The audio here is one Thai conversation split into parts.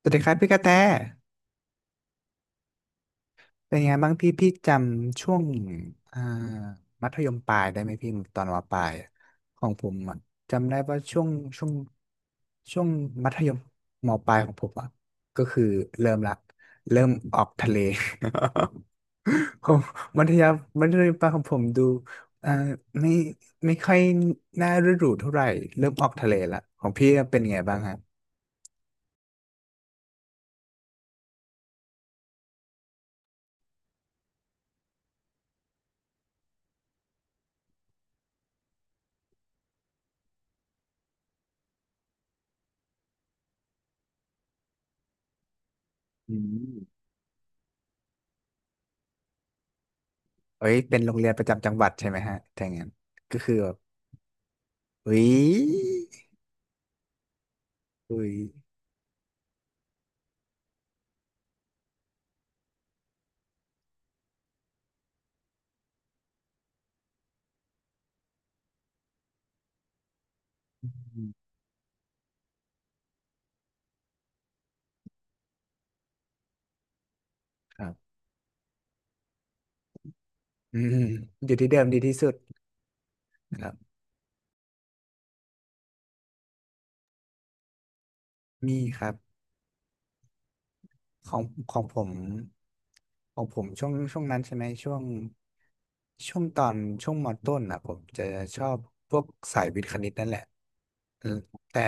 สวัสดีครับพี่กระแต เป็นยังไงบ้างพี่จำช่วงอ่ามัธยมปลายได้ไหมพี่ตอนมปลายอะของผมอะจำได้ว่าช่วงช่วงช่วงมัธยมปลายของผมอ่ะก็คือเริ่มละเริ่มออกทะเล ผมมัธยมปลายของผมดูอ่าไม่ค่อยน่าฤดูเท่าไหร่เริ่มออกทะเลละของพี่เป็นยังไงบ้างฮะอืม เอ้ยเป็นโรงเรียนประจำจังหวัดใช่ไหมฮะถ้าอย่างนั้นก็คือแบบอุ้ยอุ้ยอืมครับอืมอยู่ที่เดิมดีที่สุดครับมีครับ ของของผมผมช่วงนั้นใช่ไหมช่วงช่วงตอนช่วงมต้นอ่ะผมจะชอบพวกสายวิทย์คณิตนั่นแหละอืมแต่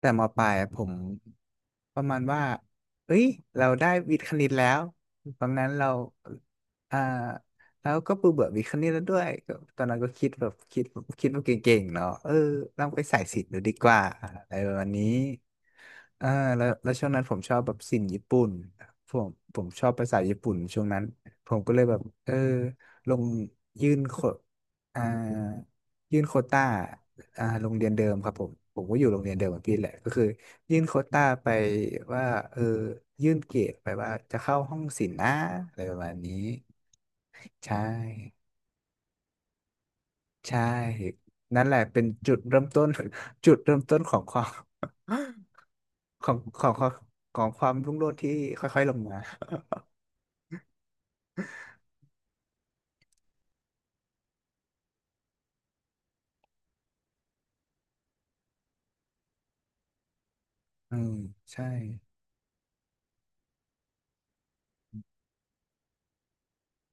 แต่มปลายอะผมประมาณว่าเอ้ย เราได้วิทย์คณิตแล้วตอนนั้นเราอ่าแล้วก็เบื่อเบื่อวิทย์คณิตแล้วด้วยก็ตอนนั้นก็คิดแบบคิดว่าเก่งๆเนาะเออลองไปสายศิลป์ดูดีกว่าอะไรประมาณนี้เออแล้วช่วงนั้นผมชอบแบบศิลป์ญี่ปุ่นผมชอบภาษาญี่ปุ่นช่วงนั้นผมก็เลยแบบเออลงยื่นโคอ่ายื่นโควต้า อ่าโรงเรียนเดิมครับผมก็อยู่โรงเรียนเดิมอับพี่แหละก็คือยื่นโควต้าไปว่าเออยื่นเกรดไปว่าจะเข้าห้องศิลป์นะอะไรประมาณนี้ใช่ใช่นั่นแหละเป็นจุดเริ่มต้น จุดเริ่มต้นของความของของของของความรุ่งโรจน์ที่ค่อยๆลงมาอืมใช่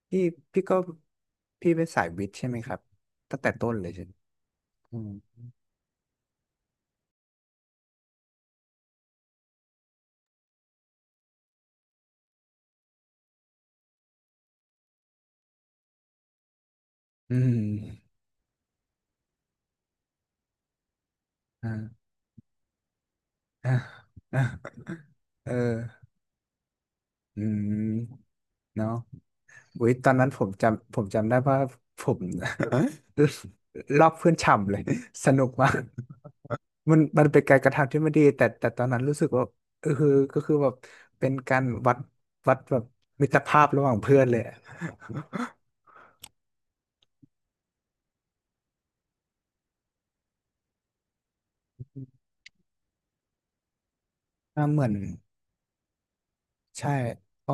พี่พี่ก็พี่เป็นสายวิทย์ใช่ไหมครับตั้งแต่ต้นเลยใช่ไหมอืมอืมอ่าอ่าอ่าเอออืมเนาะ อุ๊ยตอนนั้นผมจำได้ว่าผม ลอกเพื่อนฉ่ำเลย สนุกมากมันเป็นการกระทำที่ไม่ดีแต่ตอนนั้นรู้สึกว่าเออคือก็คือแบบเป็นการวัดแบบมิตรภาพระหว่างเพื่อนเลยอะเหมือน ใช่เอา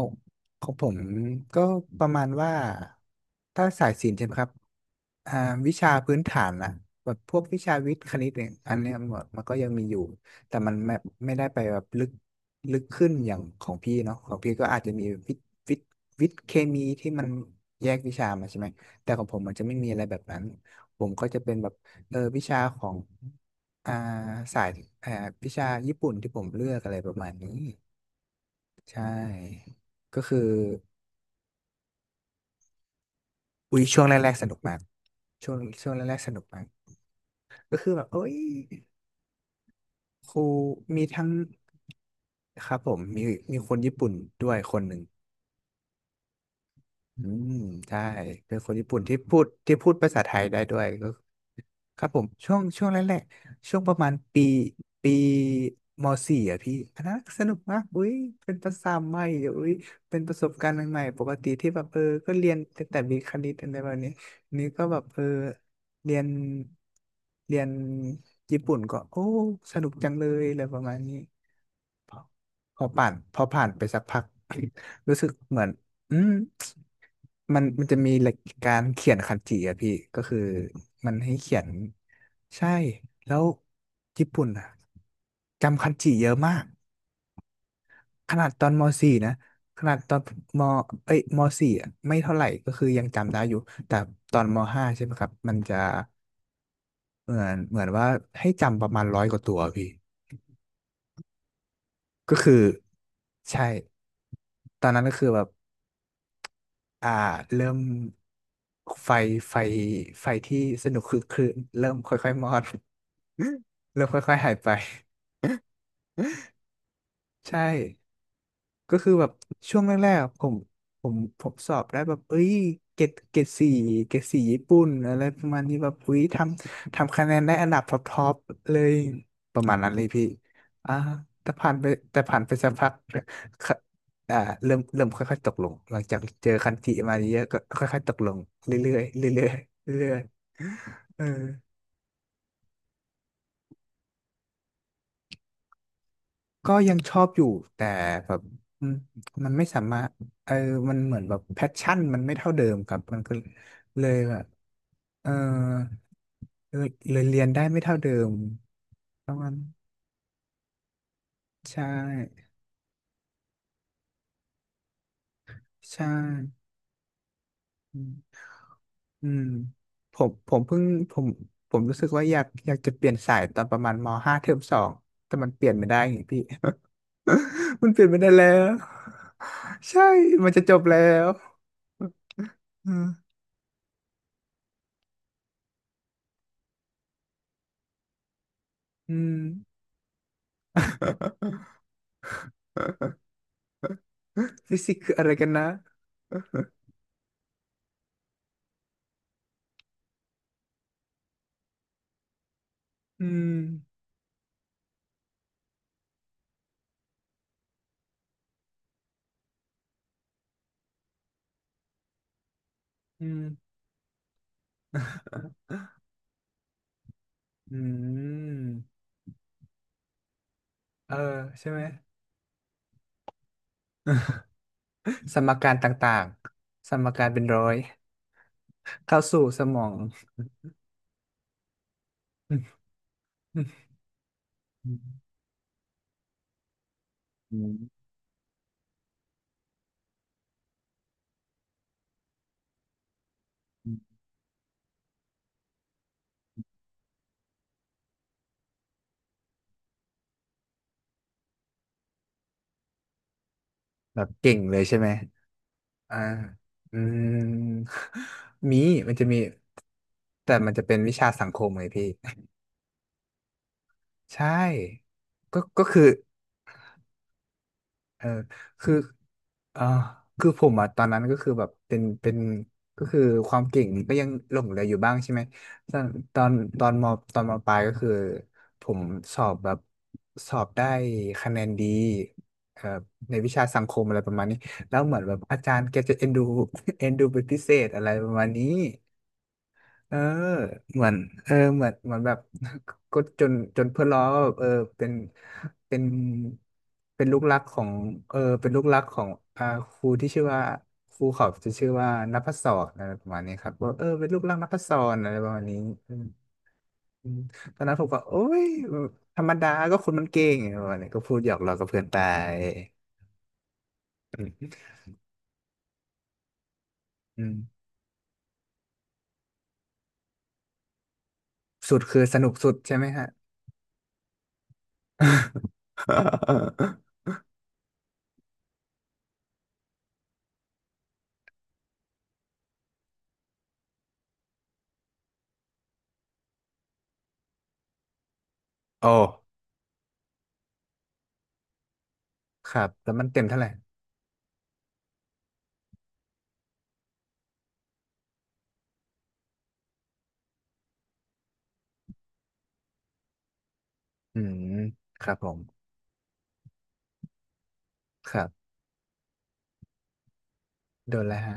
ของผมก็ประมาณว่าถ้าสายศิลป์ใช่ไหมครับอ่าวิชาพื้นฐานอะแบบพวกวิชาวิทย์คณิตเนี่ยอันเนี้ยมันก็ยังมีอยู่แต่มันไม่ได้ไปแบบลึกขึ้นอย่างของพี่เนาะของพี่ก็อาจจะมีวิทย์วิทย์เคมีที่มันแยกวิชามาใช่ไหมแต่ของผมมันจะไม่มีอะไรแบบนั้นผมก็จะเป็นแบบเออวิชาของอ่าสายอ่าวิชาญี่ปุ่นที่ผมเลือกอะไรประมาณนี้ ใช่ ก็คืออุ้ยช่วงแรกๆสนุกมากช่วงแรกๆสนุกมากก็คือแบบเอ้ยครูมีทั้งครับผมมีคนญี่ปุ่นด้วยคนหนึ่งอืมใช่เป็นคนญี่ปุ่นที่พูดภาษาไทยได้ด้วยก็ ครับผมช่วงแรกๆช่วงประมาณปีปีม .4 อ่ะพี่อันนั้นสนุกมากอุ้ยเป็นภาษาใหม่เดี๋ยวอุ้ยเป็นประสบการณ์ใหม่ๆปกติที่แบบเออก็เรียนแต่มีคณิตอะไรแบบนี้นี่ก็แบบเออเรียนเรียนญี่ปุ่นก็โอ้สนุกจังเลยอะไรประมาณนี้พอผ่านไปสักพัก รู้สึกเหมือนอืม มันจะมีหลักการเขียนคันจิอะพี่ก็คือมันให้เขียนใช่แล้วญี่ปุ่นอะจำคันจิเยอะมากขนาดตอนม .4 นะขนาดตอนมเอ้ยมสี่อะไม่เท่าไหร่ก็คือยังจำได้อยู่แต่ตอนม .5 ใช่ไหมครับมันจะเหมือนว่าให้จำประมาณร้อยกว่าตัวพี่ก็คือใช่ตอนนั้นก็คือแบบ อ่าเริ่มไฟไฟไฟที่สนุกคือคือเริ่มค่อยๆมอด เริ่มค่อยๆหายไป ใช่ ก็คือแบบช่วงแรกๆผมสอบได้แบบเอ้ยเกรดสี่เกรดสี่ญี่ปุ่นอะไรประมาณนี้แบบอุ้ยทำคะแนนได้อันดับท็อปเลยประมาณนั้นเลยพี่อ่าแต่ผ่านไปสักพักค่ะอ่าเริ่มค่อยๆตกลงหลังจากเจอคันธิมาเยอะก็ค่อยๆตกลงเรื่อยๆเรื่อยๆเรื่อยๆเออ ก็ยังชอบอยู่แต่แบบอืมมันไม่สามารถเออมันเหมือนแบบแพชชั่นมันไม่เท่าเดิมครับมันก็เลยแบบเออเลยเรียนได้ไม่เท่าเดิมประมาณใช่ใช่อืมอืมผมผมผมรู้สึกว่าอยากจะเปลี่ยนสายตอนประมาณมห้าเทอมสองแต่มันเปลี่ยนไม่ได้ไงพี่ มันเปลี่ยนไม่ได้แล้วใช่มันจะจบแล้วอืมอืม ฟิสิกส์คืออะไรกันนะอืมอืมอืมเออใช่ไหม สมการต่างๆ สมการเป็นร้อย เข้าสู่สมองอืมอืมอืมแบบเก่งเลยใช่ไหมอ่าอืมมีมันจะมี แต่มันจะเป็นวิชาสังคมไงพี่ ใช่ ก็คือ เออคืออ่าคือผมอ่ะตอนนั้นก็คือแบบเป็นก็คือความเก่งก็ยังหลงเหลืออยู่บ้างใช่ไหมตอนตอนมตอนมปลายก็คือผมสอบแบบสอบได้คะแนนดีเอ่อในวิชาสังคมอะไรประมาณนี้แล้วเหมือนแบบอาจารย์แกจะเอ็นดู เอ็นดูเป็นพิเศษอะไรประมาณนี้ เออเหมือนเออเหมือนแบบ ก็จนเพื่อนล้อว่าแบบเออเป็นเป็นลูกรักของเออเป็นลูกรักของอ่าครูที่ชื่อว่าครูเขาจะชื่อว่านัพศรอะไรประมาณนี้ครับว่าเออเป็นลูกรักนัพศรอะไรประมาณนี้อืมอืมตอนนั้นผมก็โอ๊ยธรรมดาก็คนมันเก่งอะไรประมาณนี้ก็พูดหยอกล้อกับเพื่อนไปอืมสุดคือสนุกสุดใช่ไหมฮะ โอ้ครับแล้วมันเต็มเท่าไหร่ อืมครับผมครับโดนแล้วฮะ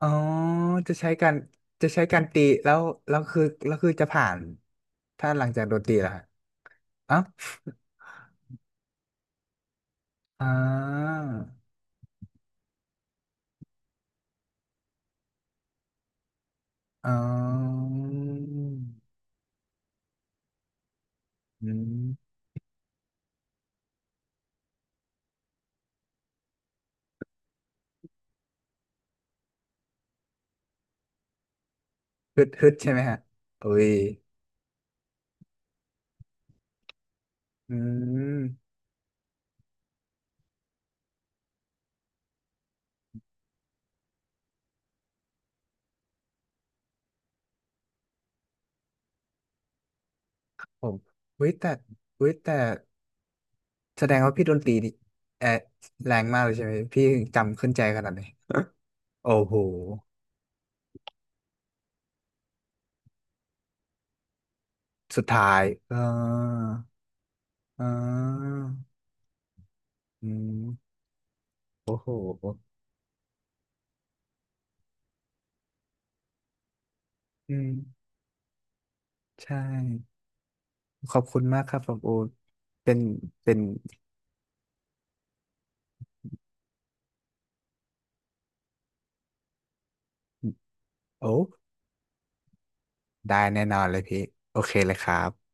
อ๋อจะใช้การตีแล้วแล้วคือแล้วคือจะผ่านถ้าหลังจากโดนตีแล้วฮะอ๋ออ่าอ๋ออืมฮึดใช่ไหมฮะอุ้ยอืมผมเุ้ยแต่เุ้ยแต่แสดงว่าพี่โดนตรีนี่แออแรงมากเลยใช่ไหมพี่ถึงจำขึ้นใจขนาดนี้โอ้โหสุดท้ายเออเอออืม โอ้โหอืมใช่ ขอบคุณมากครับผมโอตเป็นเป็นโอ้ได้แน่นอนเลยพี่ โอเคเลยครับ